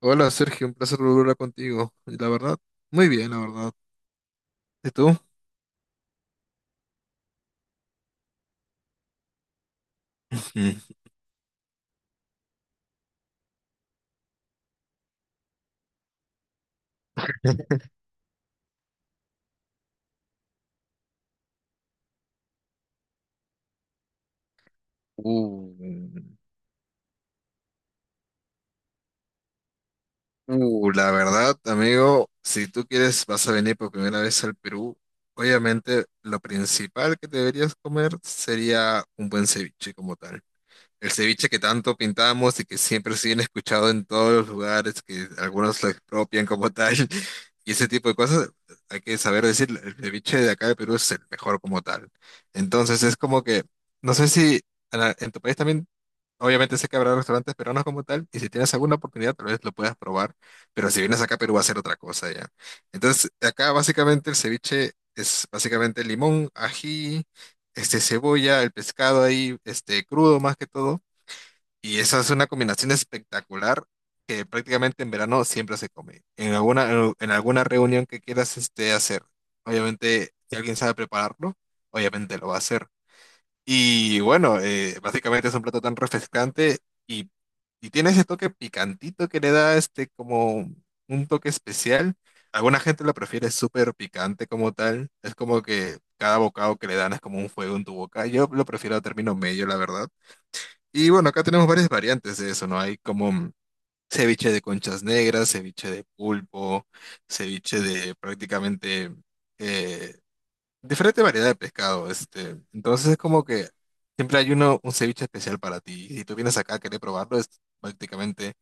Hola Sergio, un placer volver a hablar contigo. Y la verdad, muy bien, la verdad. ¿Y tú? Ujú. Uh, la verdad, amigo, si tú quieres, vas a venir por primera vez al Perú. Obviamente, lo principal que deberías comer sería un buen ceviche como tal. El ceviche que tanto pintamos y que siempre se viene escuchado en todos los lugares, que algunos lo expropian como tal, y ese tipo de cosas, hay que saber decir, el ceviche de acá de Perú es el mejor como tal. Entonces es como que, no sé si en tu país también, obviamente sé que habrá restaurantes peruanos como tal, y si tienes alguna oportunidad tal vez lo puedas probar, pero si vienes acá a Perú va a ser otra cosa ya. Entonces acá básicamente el ceviche es básicamente limón, ají, este, cebolla, el pescado ahí, este, crudo más que todo y esa es una combinación espectacular que prácticamente en verano siempre se come. En alguna reunión que quieras este, hacer. Obviamente, si alguien sabe prepararlo, obviamente lo va a hacer. Y bueno, básicamente es un plato tan refrescante y, y tiene ese toque picantito que le da este como un toque especial. Alguna gente lo prefiere súper picante como tal. Es como que cada bocado que le dan es como un fuego en tu boca. Yo lo prefiero a término medio, la verdad y bueno, acá tenemos varias variantes de eso, ¿no? Hay como ceviche de conchas negras, ceviche de pulpo, ceviche de prácticamente eh, diferente variedad de pescado. Este. Entonces es como que siempre hay uno, un ceviche especial para ti. Y si tú vienes acá a querer probarlo, es, prácticamente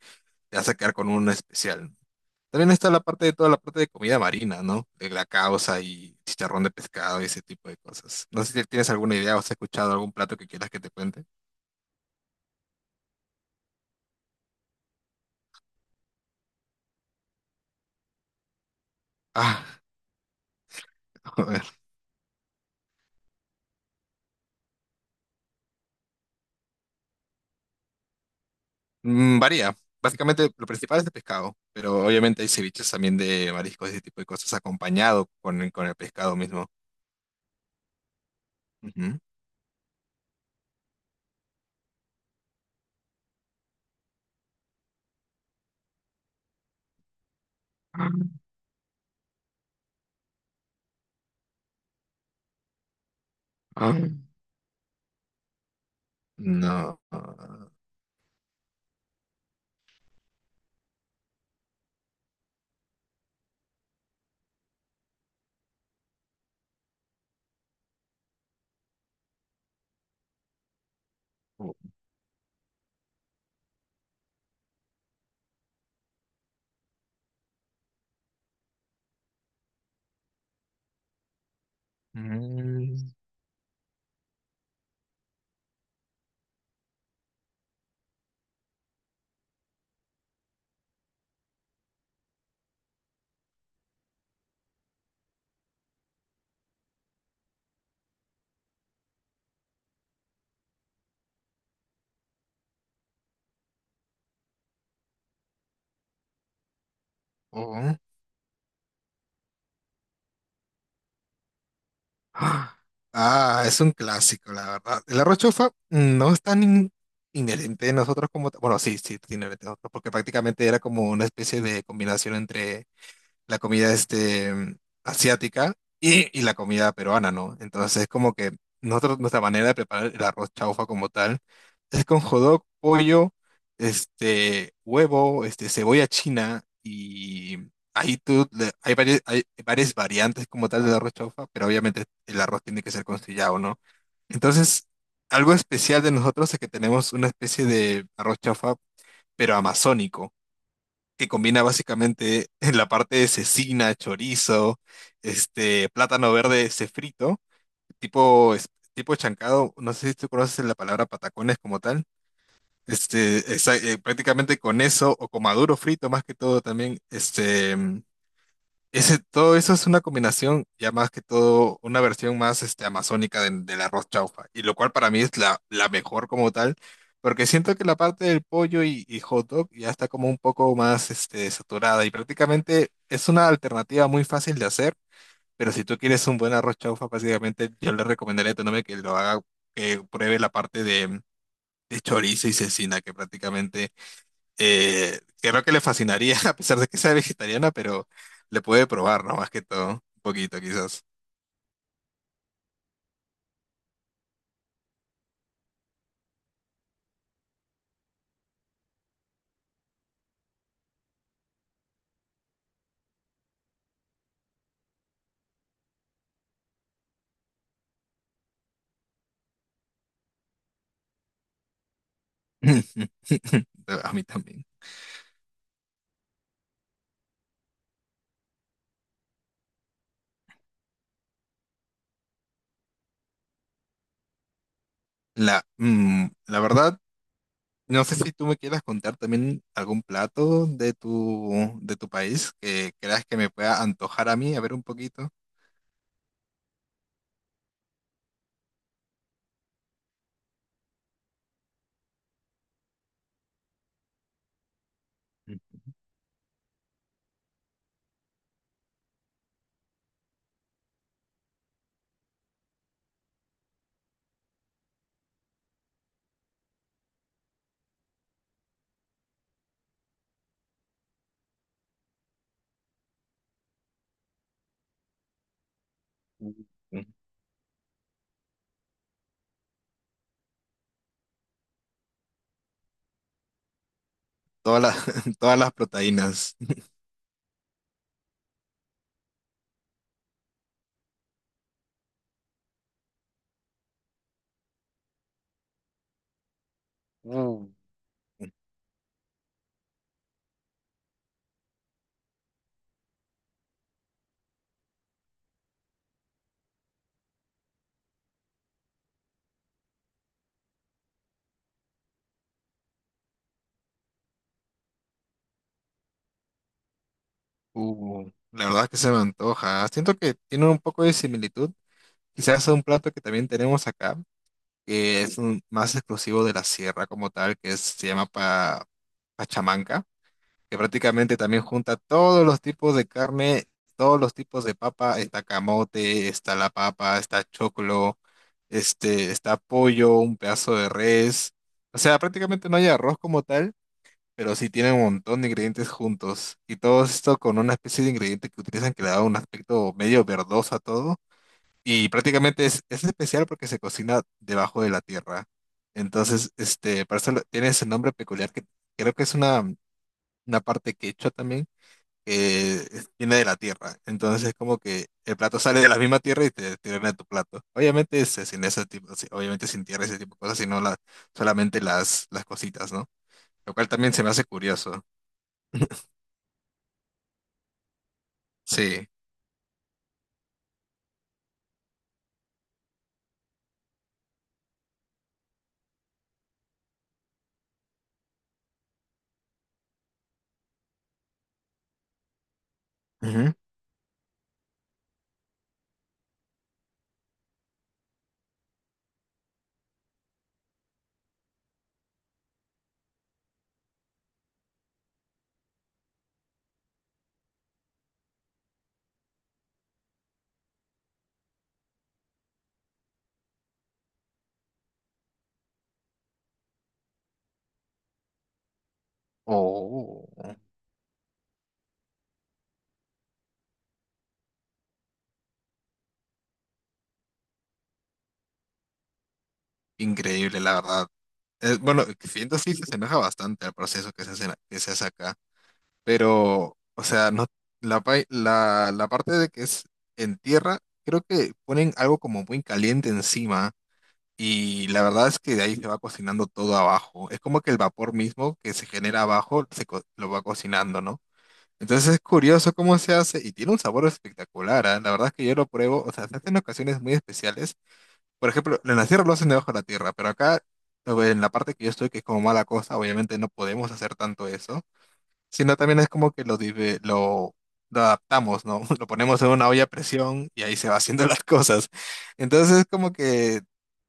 te vas a quedar con uno especial. También está la parte de toda la parte de comida marina, ¿no? De la causa y chicharrón de pescado y ese tipo de cosas. No sé si tienes alguna idea o has escuchado algún plato que quieras que te cuente. Ah, Mm, varía. Básicamente lo principal es de pescado, pero obviamente hay ceviches también de mariscos y ese tipo de cosas acompañado con con el pescado mismo. Ujú. Ah. Ah. No. Oh, mm, oh. Ah, Ah, es un clásico, la verdad. El arroz chofa mm, no es tan inherente de nosotros como... Bueno, sí, sí, es inherente de nosotros, porque prácticamente era como una especie de combinación entre la comida este, mm, asiática y la comida peruana, ¿no? Entonces es como que nosotros, nuestra manera de preparar el arroz chaufa como tal es con jodok, pollo, este, huevo, este, cebolla china y ahí tú, hay varias variantes como tal del arroz chaufa, pero obviamente el arroz tiene que ser conciliado, ¿no? Entonces, algo especial de nosotros es que tenemos una especie de arroz chaufa, pero amazónico que combina básicamente en la parte de cecina, chorizo, este, plátano verde frito, tipo, tipo chancado, no sé si tú conoces la palabra patacones como tal. Este, prácticamente con eso, o con maduro frito más que todo también, este, ese, todo eso es una combinación, ya más que todo, una versión más este, amazónica del arroz chaufa, y lo cual para mí es la mejor como tal, porque siento que la parte del pollo y hot dog ya está como un poco más este, saturada, y prácticamente es una alternativa muy fácil de hacer, pero si tú quieres un buen arroz chaufa, básicamente yo le recomendaría a tu novia que lo haga, que pruebe la parte de chorizo y cecina, que prácticamente... creo que le fascinaría, a pesar de que sea vegetariana, pero le puede probar, ¿no? Más que todo, un poquito quizás. A mí también. La verdad, no sé si tú me quieras contar también algún plato de tu país que creas que me pueda antojar a mí, a ver un poquito. Todas las, todas las proteínas. Uh, la verdad es que se me antoja. Siento que tiene un poco de similitud. Quizás es un plato que también tenemos acá, que es más exclusivo de la sierra como tal, que se llama Pachamanca, que prácticamente también junta todos los tipos de carne, todos los tipos de papa, está camote, está la papa, está choclo, este, está pollo, un pedazo de res. O sea, prácticamente no hay arroz como tal, pero sí tiene un montón de ingredientes juntos. Y todo esto con una especie de ingrediente que utilizan que le da un aspecto medio verdoso a todo y prácticamente es especial porque se cocina debajo de la tierra. Entonces, este, por eso tiene ese nombre peculiar que creo que es una parte quechua también, que viene de la tierra. Entonces es como que el plato sale de la misma tierra y te tiran a tu plato. Obviamente este, sin ese tipo, sí, obviamente sin tierra, ese tipo de cosas, sino solamente las cositas, ¿no? Lo cual también se me hace curioso. Sí. Ujú. Oh. Increíble, la verdad. Es bueno, siento sí se enoja bastante al proceso que se hace acá, pero, o sea, no, la parte de que es en tierra, creo que ponen algo como muy caliente encima y la verdad es que de ahí se va cocinando todo abajo. Es como que el vapor mismo que se genera abajo lo va cocinando, ¿no? Entonces es curioso cómo se hace y tiene un sabor espectacular, ¿ah? La verdad es que yo lo pruebo, o sea, se hace en ocasiones muy especiales por ejemplo, en la sierra lo hacen debajo de la tierra, pero acá, en la parte que yo estoy, que es como mala cosa, obviamente no podemos hacer tanto eso, sino también es como que lo adaptamos, ¿no? Lo ponemos en una olla a presión y ahí se va haciendo las cosas. Entonces es como que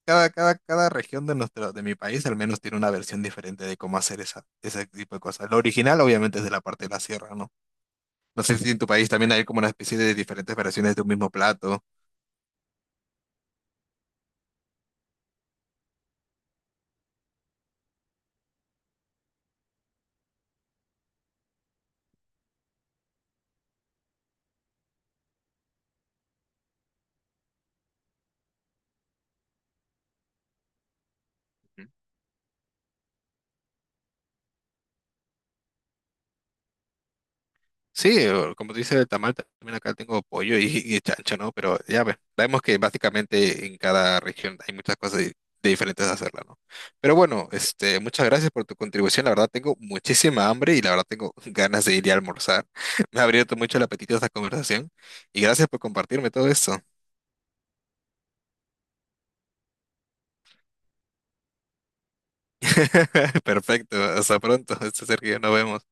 cada región de mi país al menos tiene una versión diferente de cómo hacer ese tipo de cosas. Lo original obviamente es de la parte de la sierra, ¿no? No sé si en tu país también hay como una especie de diferentes versiones de un mismo plato. Sí, o como dice el tamal, también acá tengo pollo y chancho, ¿no? Pero ya vemos que básicamente en cada región hay muchas cosas diferentes a hacerla, ¿no? Pero bueno, este, muchas gracias por tu contribución. La verdad tengo muchísima hambre y la verdad tengo ganas de ir a almorzar. Me ha abierto mucho el apetito esta conversación y gracias por compartirme todo esto. Perfecto, hasta pronto, este Sergio, nos vemos.